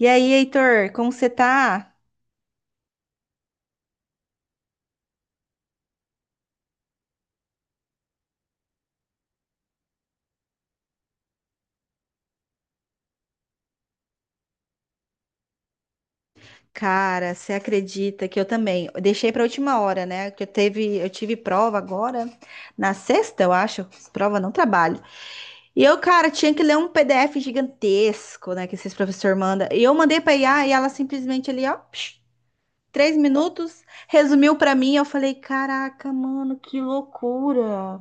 E aí, Heitor, como você tá? Cara, você acredita que eu também? Eu deixei para última hora, né? Que eu tive prova agora na sexta, eu acho. Prova, não, trabalho. E eu, cara, tinha que ler um PDF gigantesco, né? Que esses professores mandam. E eu mandei para IA e ela simplesmente ali, ó, psh, 3 minutos, resumiu para mim. Eu falei, caraca, mano, que loucura!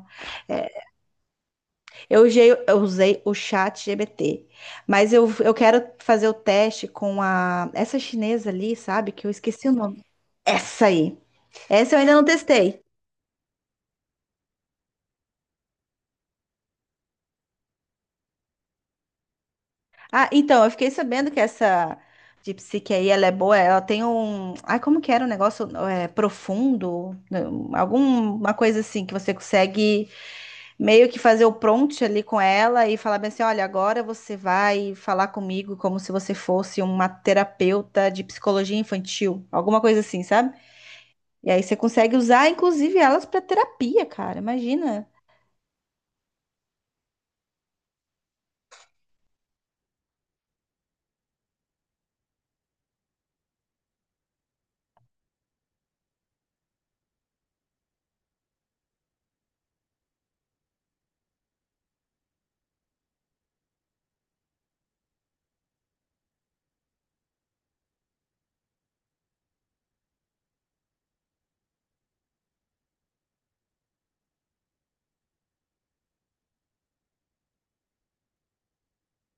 Eu usei o chat GPT, mas eu quero fazer o teste com a essa chinesa ali, sabe? Que eu esqueci o nome. Essa aí. Essa eu ainda não testei. Ah, então, eu fiquei sabendo que essa DeepSeek aí, ela é boa, ela tem um... Ai, como que era o negócio? É, profundo? Não, alguma coisa assim que você consegue... Meio que fazer o prompt ali com ela e falar bem assim: olha, agora você vai falar comigo como se você fosse uma terapeuta de psicologia infantil, alguma coisa assim, sabe? E aí você consegue usar, inclusive, elas para terapia, cara. Imagina.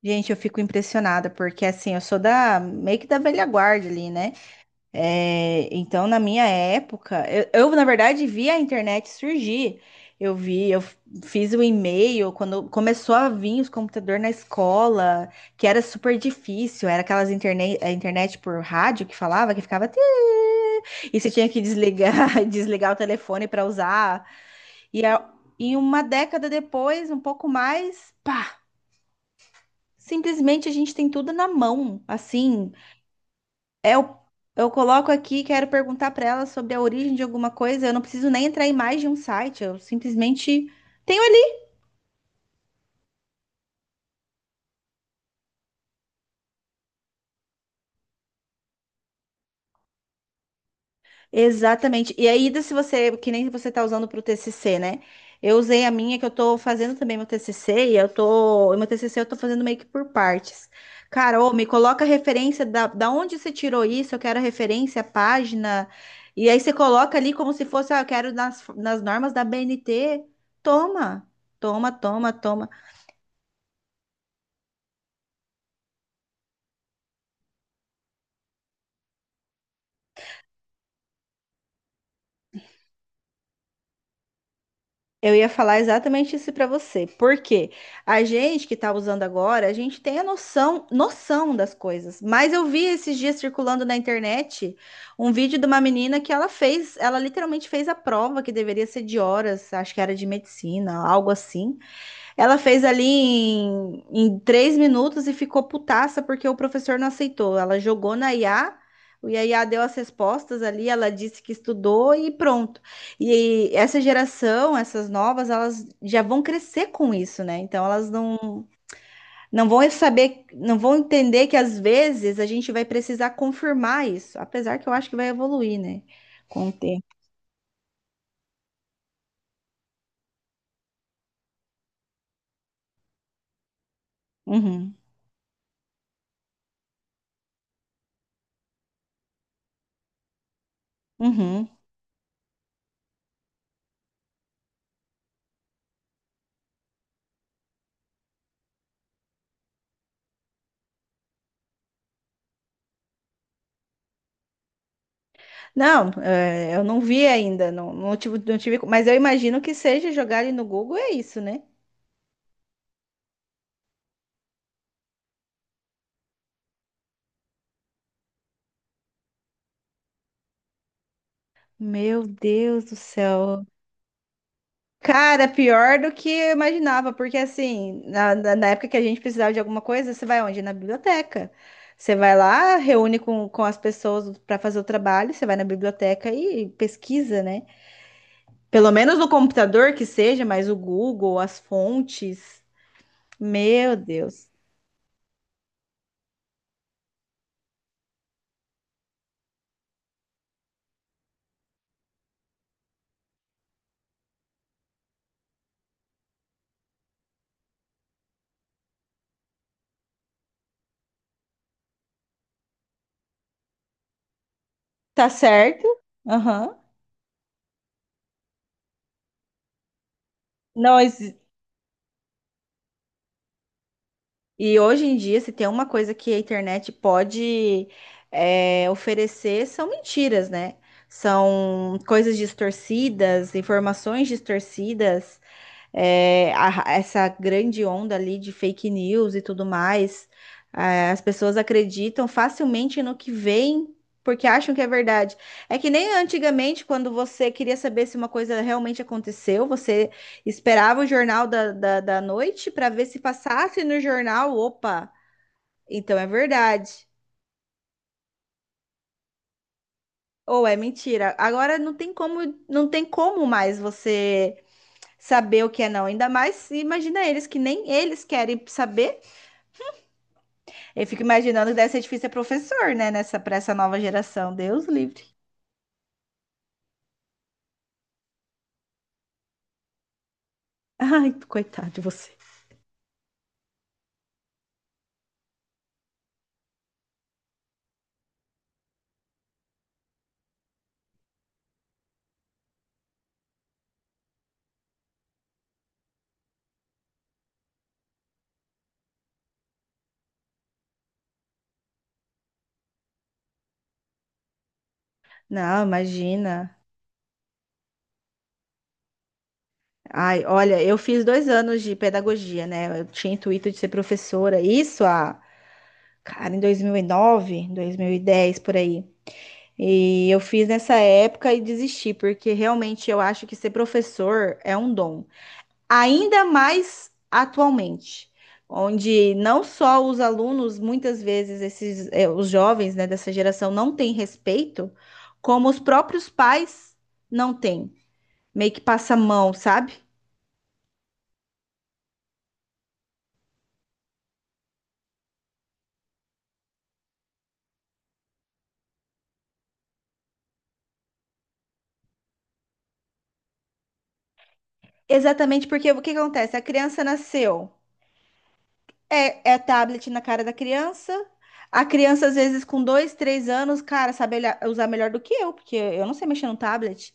Gente, eu fico impressionada, porque assim, eu sou da meio que da velha guarda ali, né? É, então, na minha época, na verdade vi a internet surgir. Eu vi, fiz o e-mail quando começou a vir os computadores na escola, que era super difícil. Era aquelas internet, a internet por rádio que falava, que ficava. "Tê." E você tinha que desligar, desligar o telefone para usar. E, a- e uma década depois, um pouco mais, pá, simplesmente a gente tem tudo na mão, assim. Eu, eu coloco aqui, quero perguntar para ela sobre a origem de alguma coisa. Eu não preciso nem entrar em mais de um site, eu simplesmente tenho ali. Exatamente. E aí, se você, que nem você tá usando para o TCC, né? Eu usei a minha, que eu tô fazendo também meu TCC, e eu tô, e meu TCC eu tô fazendo meio que por partes. Carol, me coloca a referência da onde você tirou isso, eu quero a referência, a página. E aí você coloca ali como se fosse, ah, eu quero nas normas da BNT. Toma, toma, toma, toma. Eu ia falar exatamente isso para você, porque a gente que está usando agora, a gente tem a noção, noção das coisas. Mas eu vi esses dias circulando na internet um vídeo de uma menina que ela fez, ela literalmente fez a prova que deveria ser de horas, acho que era de medicina, algo assim. Ela fez ali em 3 minutos e ficou putaça porque o professor não aceitou. Ela jogou na IA, o IA deu as respostas ali, ela disse que estudou e pronto. E essa geração, essas novas, elas já vão crescer com isso, né? Então elas não vão saber, não vão entender que às vezes a gente vai precisar confirmar isso, apesar que eu acho que vai evoluir, né? Com o tempo. Uhum, uhum. Não, é, eu não vi ainda, não, não tive, mas eu imagino que seja jogar ali no Google, é isso, né? Meu Deus do céu. Cara, pior do que eu imaginava, porque assim, na, na época que a gente precisava de alguma coisa, você vai onde? Na biblioteca. Você vai lá, reúne com as pessoas para fazer o trabalho, você vai na biblioteca e pesquisa, né? Pelo menos no computador que seja, mas o Google, as fontes. Meu Deus. Tá certo? Aham. Não. E hoje em dia, se tem uma coisa que a internet pode oferecer, são mentiras, né? São coisas distorcidas, informações distorcidas, essa grande onda ali de fake news e tudo mais. As pessoas acreditam facilmente no que veem porque acham que é verdade. É que nem antigamente, quando você queria saber se uma coisa realmente aconteceu, você esperava o jornal da noite para ver se passasse no jornal. Opa, então é verdade. Ou é mentira. Agora não tem como, não tem como mais você saber o que é não. Ainda mais, imagina eles que nem eles querem saber. Eu fico imaginando que deve ser difícil ser professor, né? Para essa nova geração. Deus livre. Ai, coitado de você. Não, imagina. Ai, olha, eu fiz 2 anos de pedagogia, né? Eu tinha intuito de ser professora. Isso há, cara, em dois mil e nove, 2010, por aí. E eu fiz nessa época e desisti, porque realmente eu acho que ser professor é um dom. Ainda mais atualmente, onde não só os alunos, muitas vezes esses, os jovens, né, dessa geração não têm respeito, como os próprios pais não têm. Meio que passa a mão, sabe? Exatamente, porque o que que acontece? A criança nasceu, é tablet na cara da criança. A criança, às vezes, com dois, três anos, cara, sabe usar melhor do que eu, porque eu não sei mexer no tablet.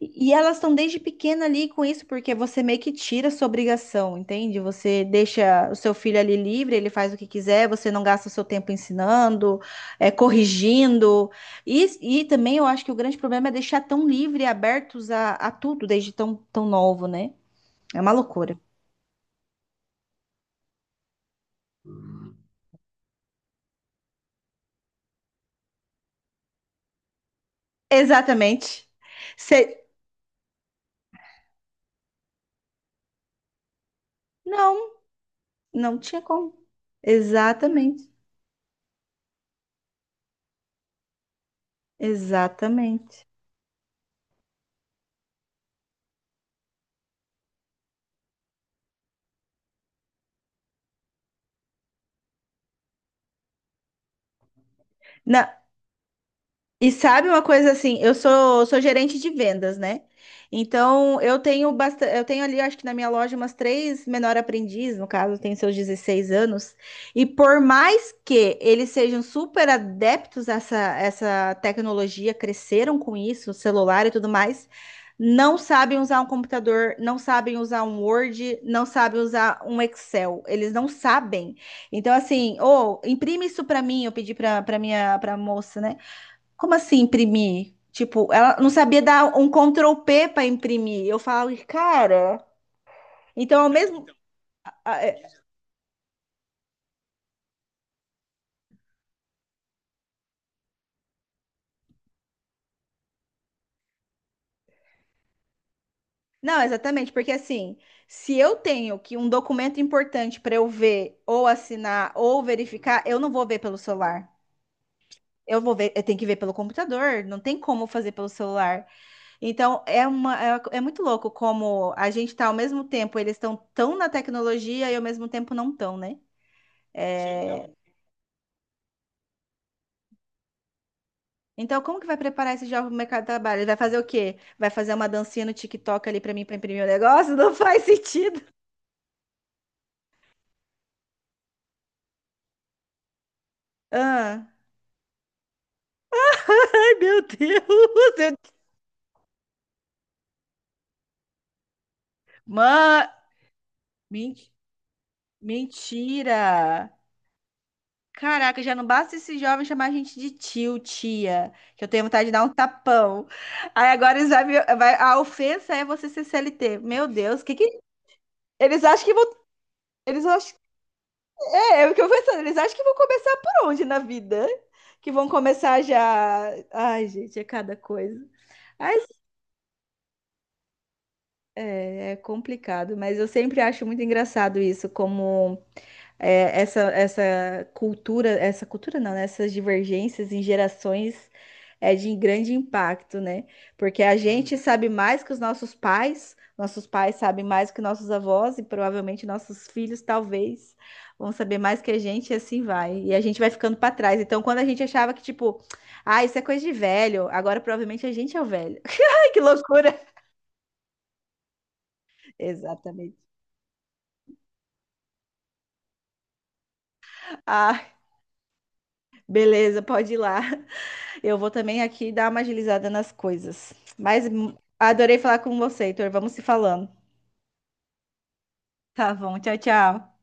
E elas estão desde pequena ali com isso, porque você meio que tira a sua obrigação, entende? Você deixa o seu filho ali livre, ele faz o que quiser, você não gasta o seu tempo ensinando, corrigindo. E também eu acho que o grande problema é deixar tão livre e abertos a tudo desde tão, tão novo, né? É uma loucura. Exatamente. Cê- Não, não tinha como. Exatamente. Exatamente. Na- E sabe uma coisa assim, eu sou gerente de vendas, né? Então eu tenho bastante, eu tenho ali, acho que na minha loja, umas três menor aprendiz, no caso, tem seus 16 anos, e por mais que eles sejam super adeptos a essa tecnologia, cresceram com isso, celular e tudo mais, não sabem usar um computador, não sabem usar um Word, não sabem usar um Excel, eles não sabem. Então, assim, ou imprime isso para mim, eu pedi para minha pra moça, né? Como assim imprimir? Tipo, ela não sabia dar um Ctrl P para imprimir. Eu falo, cara. Então, ao mesmo. Ah. Não, exatamente, porque assim, se eu tenho que um documento importante para eu ver, ou assinar, ou verificar, eu não vou ver pelo celular. Eu vou ver, eu tenho que ver pelo computador, não tem como fazer pelo celular. Então, é uma, é muito louco como a gente tá ao mesmo tempo, eles estão tão na tecnologia e ao mesmo tempo não tão, né? Sim. É. Então, como que vai preparar esse jovem pro mercado de trabalho? Ele vai fazer o quê? Vai fazer uma dancinha no TikTok ali para mim para imprimir o negócio? Não faz sentido. Ah. Ai, meu Deus! eu- Mãe, men- mentira! Caraca, já não basta esse jovem chamar a gente de tio, tia, que eu tenho vontade de dar um tapão. Aí agora eles vai, a ofensa é você ser CLT. Meu Deus, que eles acham que vão, eles É o que eu pensando, eles acham que vão começar por onde na vida? Que vão começar já. Ai, gente, é cada coisa. Mas é complicado, mas eu sempre acho muito engraçado isso, como essa cultura, essa cultura não, né? Essas divergências em gerações é de grande impacto, né? Porque a gente sabe mais que os nossos pais sabem mais que nossos avós e provavelmente nossos filhos talvez vão saber mais que a gente e assim vai. E a gente vai ficando para trás. Então, quando a gente achava que tipo, ah, isso é coisa de velho, agora provavelmente a gente é o velho. Ai, que loucura! Exatamente. Ah, beleza, pode ir lá. Eu vou também aqui dar uma agilizada nas coisas. Mas adorei falar com você, Heitor. Vamos se falando. Tá bom, tchau, tchau.